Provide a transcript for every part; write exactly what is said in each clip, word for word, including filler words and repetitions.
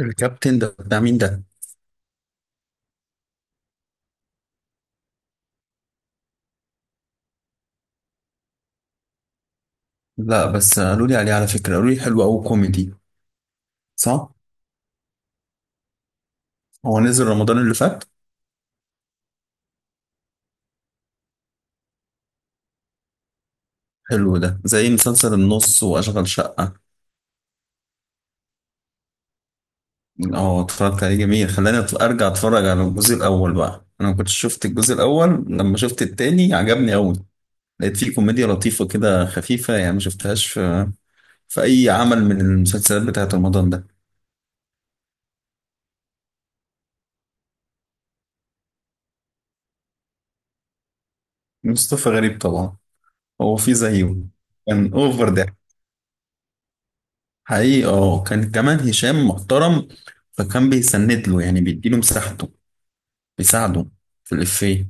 الكابتن ده بتاع مين ده؟ لا، بس قالوا لي عليه، على فكرة قالوا لي حلو أوي كوميدي. صح؟ هو نزل رمضان اللي فات. حلو، ده زي مسلسل النص وأشغال شقة. اه، اتفرجت عليه، جميل. خلاني أت- أرجع أتفرج على الجزء الأول بقى، أنا ما كنتش شفت الجزء الأول، لما شفت التاني عجبني أوي. لقيت فيه كوميديا لطيفة كده، خفيفة، يعني ما شفتهاش في في أي عمل من المسلسلات بتاعة رمضان ده. مصطفى غريب طبعا. هو فيه زيه، كان أوفر ده حقيقي. اه، كان كمان هشام محترم، فكان بيسند له، يعني بيديله مساحته، بيساعده في الإفيه.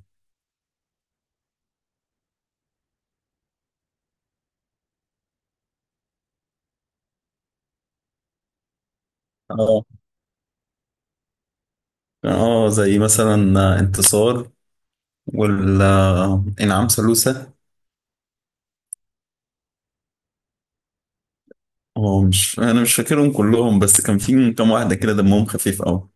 اه. اه، زي مثلا انتصار وال آه، انعام سالوسة. اه، مش انا مش فاكرهم كلهم، بس كان في كام واحدة كده دمهم خفيف قوي.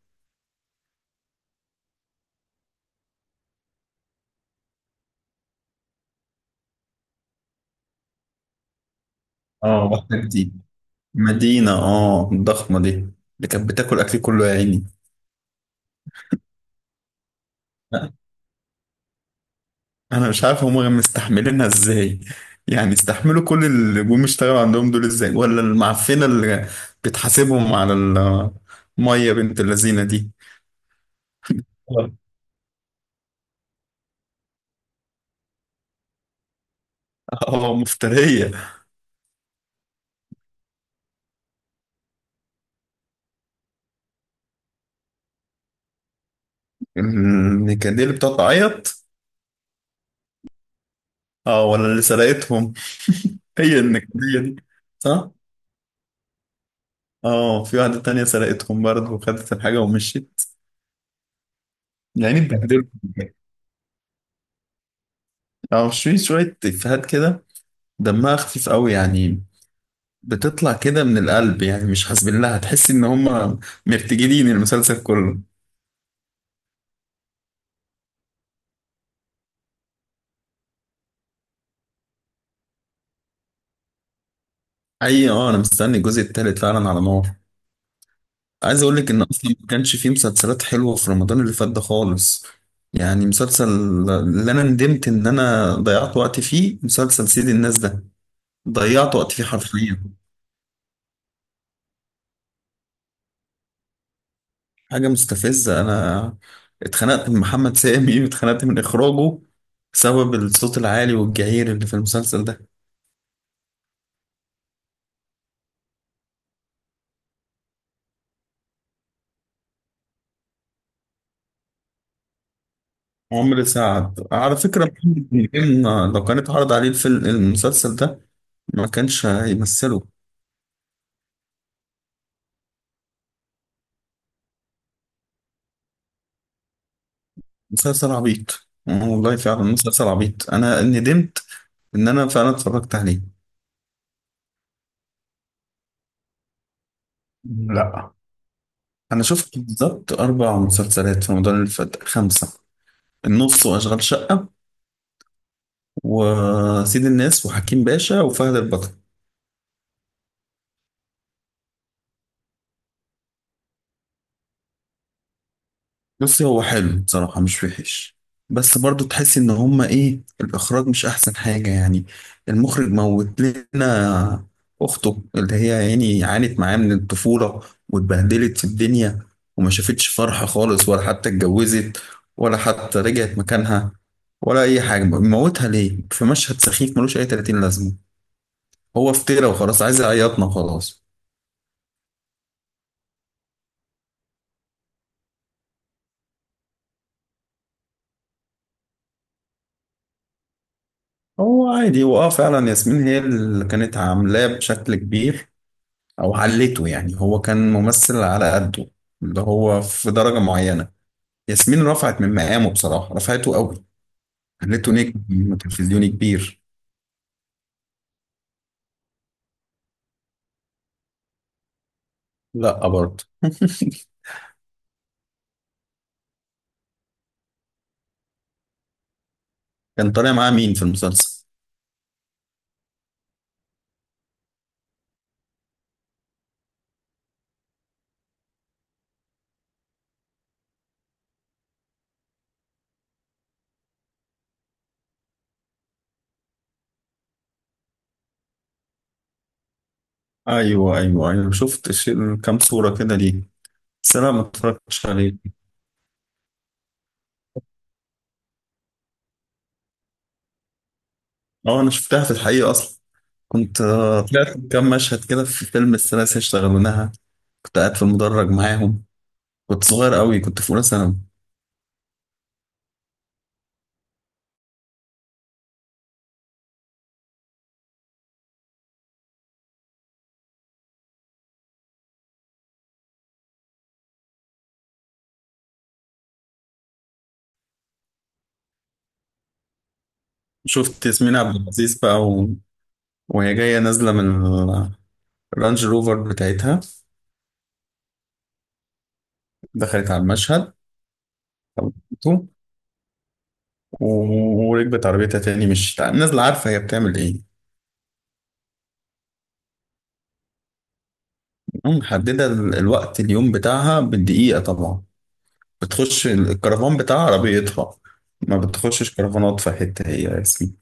اه، واحدة جديدة. مدينة، اه الضخمة دي اللي كانت بتاكل أكلي كله يا عيني. انا مش عارف هم مستحملينها ازاي، يعني استحملوا كل اللي جم اشتغلوا عندهم دول ازاي، ولا المعفنه اللي بتحاسبهم على الميه بنت اللذينه دي. اه. آه، مفتريه. النكديه اللي بتقعد تعيط. اه، ولا اللي سرقتهم. هي النكديه دي، صح. اه، في واحده تانية سرقتهم برضه وخدت الحاجه ومشيت. يعني بتبدلوا، اه، في شويه افيهات كده دمها خفيف قوي، يعني بتطلع كده من القلب، يعني مش حاسبين لها. هتحس ان هم مرتجلين المسلسل كله. اي، اه، انا مستني الجزء التالت فعلا على نار. عايز اقول لك ان اصلا ما كانش فيه مسلسلات حلوه في رمضان اللي فات ده خالص. يعني مسلسل، اللي انا ندمت ان انا ضيعت وقت فيه، مسلسل سيد الناس ده ضيعت وقت فيه حرفيا. حاجه مستفزه. انا اتخنقت من محمد سامي واتخنقت من اخراجه بسبب الصوت العالي والجعير اللي في المسلسل ده. عمرو سعد، على فكرة، محمد نجم آه، لو كان اتعرض عليه الفيلم، المسلسل ده ما كانش هيمثله. مسلسل عبيط، آه والله فعلا مسلسل عبيط. أنا ندمت إن أنا فعلا اتفرجت عليه. لا. أنا شفت بالظبط أربع مسلسلات في رمضان اللي فات، خمسة: النص وأشغال شقة وسيد الناس وحكيم باشا وفهد البطل. بس هو حلو بصراحة، مش وحش. بس برضو تحس ان هما ايه، الاخراج مش احسن حاجة يعني. المخرج موت لنا اخته، اللي هي يعني عانت معاه من الطفولة، واتبهدلت في الدنيا، وما شافتش فرحة خالص، ولا حتى اتجوزت، ولا حتى رجعت مكانها، ولا اي حاجة. موتها ليه في مشهد سخيف ملوش اي تلاتين لازمة. هو افترى وخلاص، عايز يعيطنا وخلاص. هو عادي. هو اه فعلا ياسمين هي اللي كانت عاملاه بشكل كبير، او علته، يعني هو كان ممثل على قده، اللي هو في درجة معينة. ياسمين رفعت من مقامه، بصراحة رفعته قوي، خليته نجم تلفزيوني كبير. لا برضه كان طالع معاه مين في المسلسل؟ ايوه ايوه ايوه، شفت ش- كام صورة كده ليه، بس انا ما اتفرجتش عليه. اه، انا شفتها في الحقيقة اصلا. كنت آه، طلعت كام مشهد كده في فيلم الثلاثة اشتغلونها. كنت قاعد في المدرج معاهم. كنت صغير قوي، كنت في اولى ثانوي. شفت ياسمين عبد العزيز بقى وهي جاية نازلة من الرانج روفر بتاعتها. دخلت على المشهد، خبطته، و- وركبت عربيتها تاني، مش نازلة. عارفة هي بتعمل ايه؟ محددة ال- الوقت، اليوم بتاعها بالدقيقة طبعا. بتخش ال- الكرفان بتاع عربيتها. ما بتخشش كرفانات في حتة هي رسمي.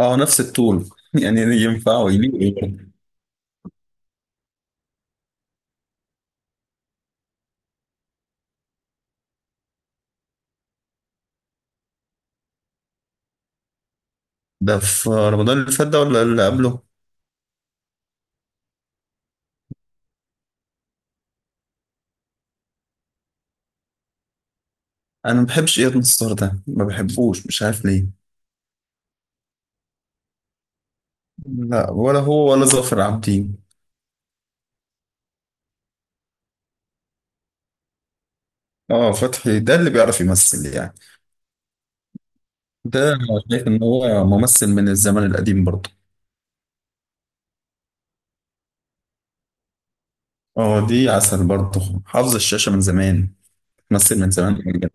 اه، نفس الطول. يعني ينفع ويليق. ده في رمضان اللي فات ده ولا اللي قبله؟ انا ما بحبش اياد نصار ده، ما بحبوش مش عارف ليه. لا، ولا هو ولا ظافر عابدين. اه، فتحي ده اللي بيعرف يمثل يعني. ده أنا شايف ان هو ممثل من الزمن القديم برضه. اه، دي عسل برضه، حافظ الشاشة من زمان، تمثل من زمان بجد.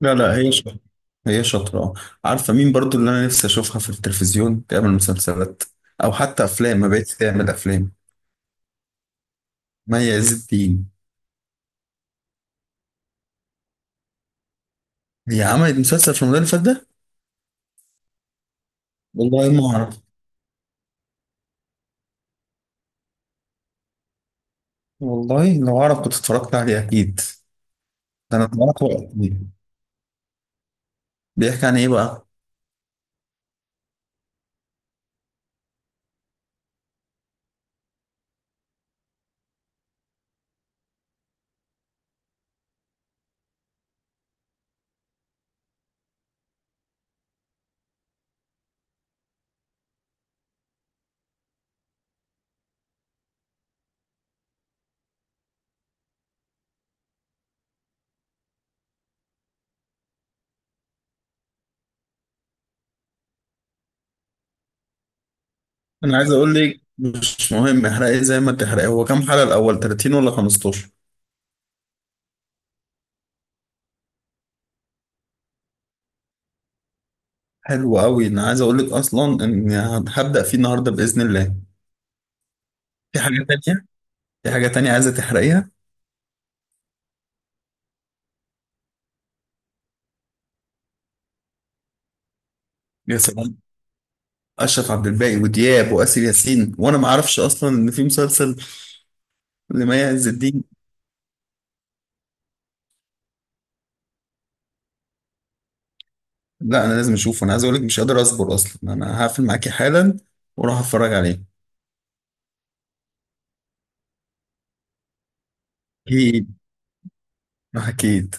لا لا، هي شاطرة. هي شاطرة، آه. عارفة مين برضه اللي انا نفسي اشوفها في التلفزيون تعمل مسلسلات او حتى افلام؟ ما بقتش تعمل افلام. مي عز الدين. هي عملت مسلسل في رمضان اللي فات ده؟ والله ما اعرف. والله لو اعرف كنت اتفرجت عليه اكيد. ده انا اتفرجت وقت. بيحكي عن ايه بقى؟ انا عايز اقول لك مش مهم، احرقي زي ما تحرقي. هو كام حلقة الاول، تلاتين ولا خمسة عشر؟ حلو قوي. انا عايز اقول لك اصلا ان هبدأ فيه النهارده بإذن الله. في حاجة تانية، في حاجة تانية عايزة تحرقيها؟ يا سلام، اشرف عبد الباقي ودياب واسر ياسين، وانا ما اعرفش اصلا ان في مسلسل لمي عز الدين. لا، انا لازم اشوفه. انا عايز اقول لك مش قادر اصبر اصلا، انا هقفل معاكي حالا واروح اتفرج عليه. اكيد، اكيد.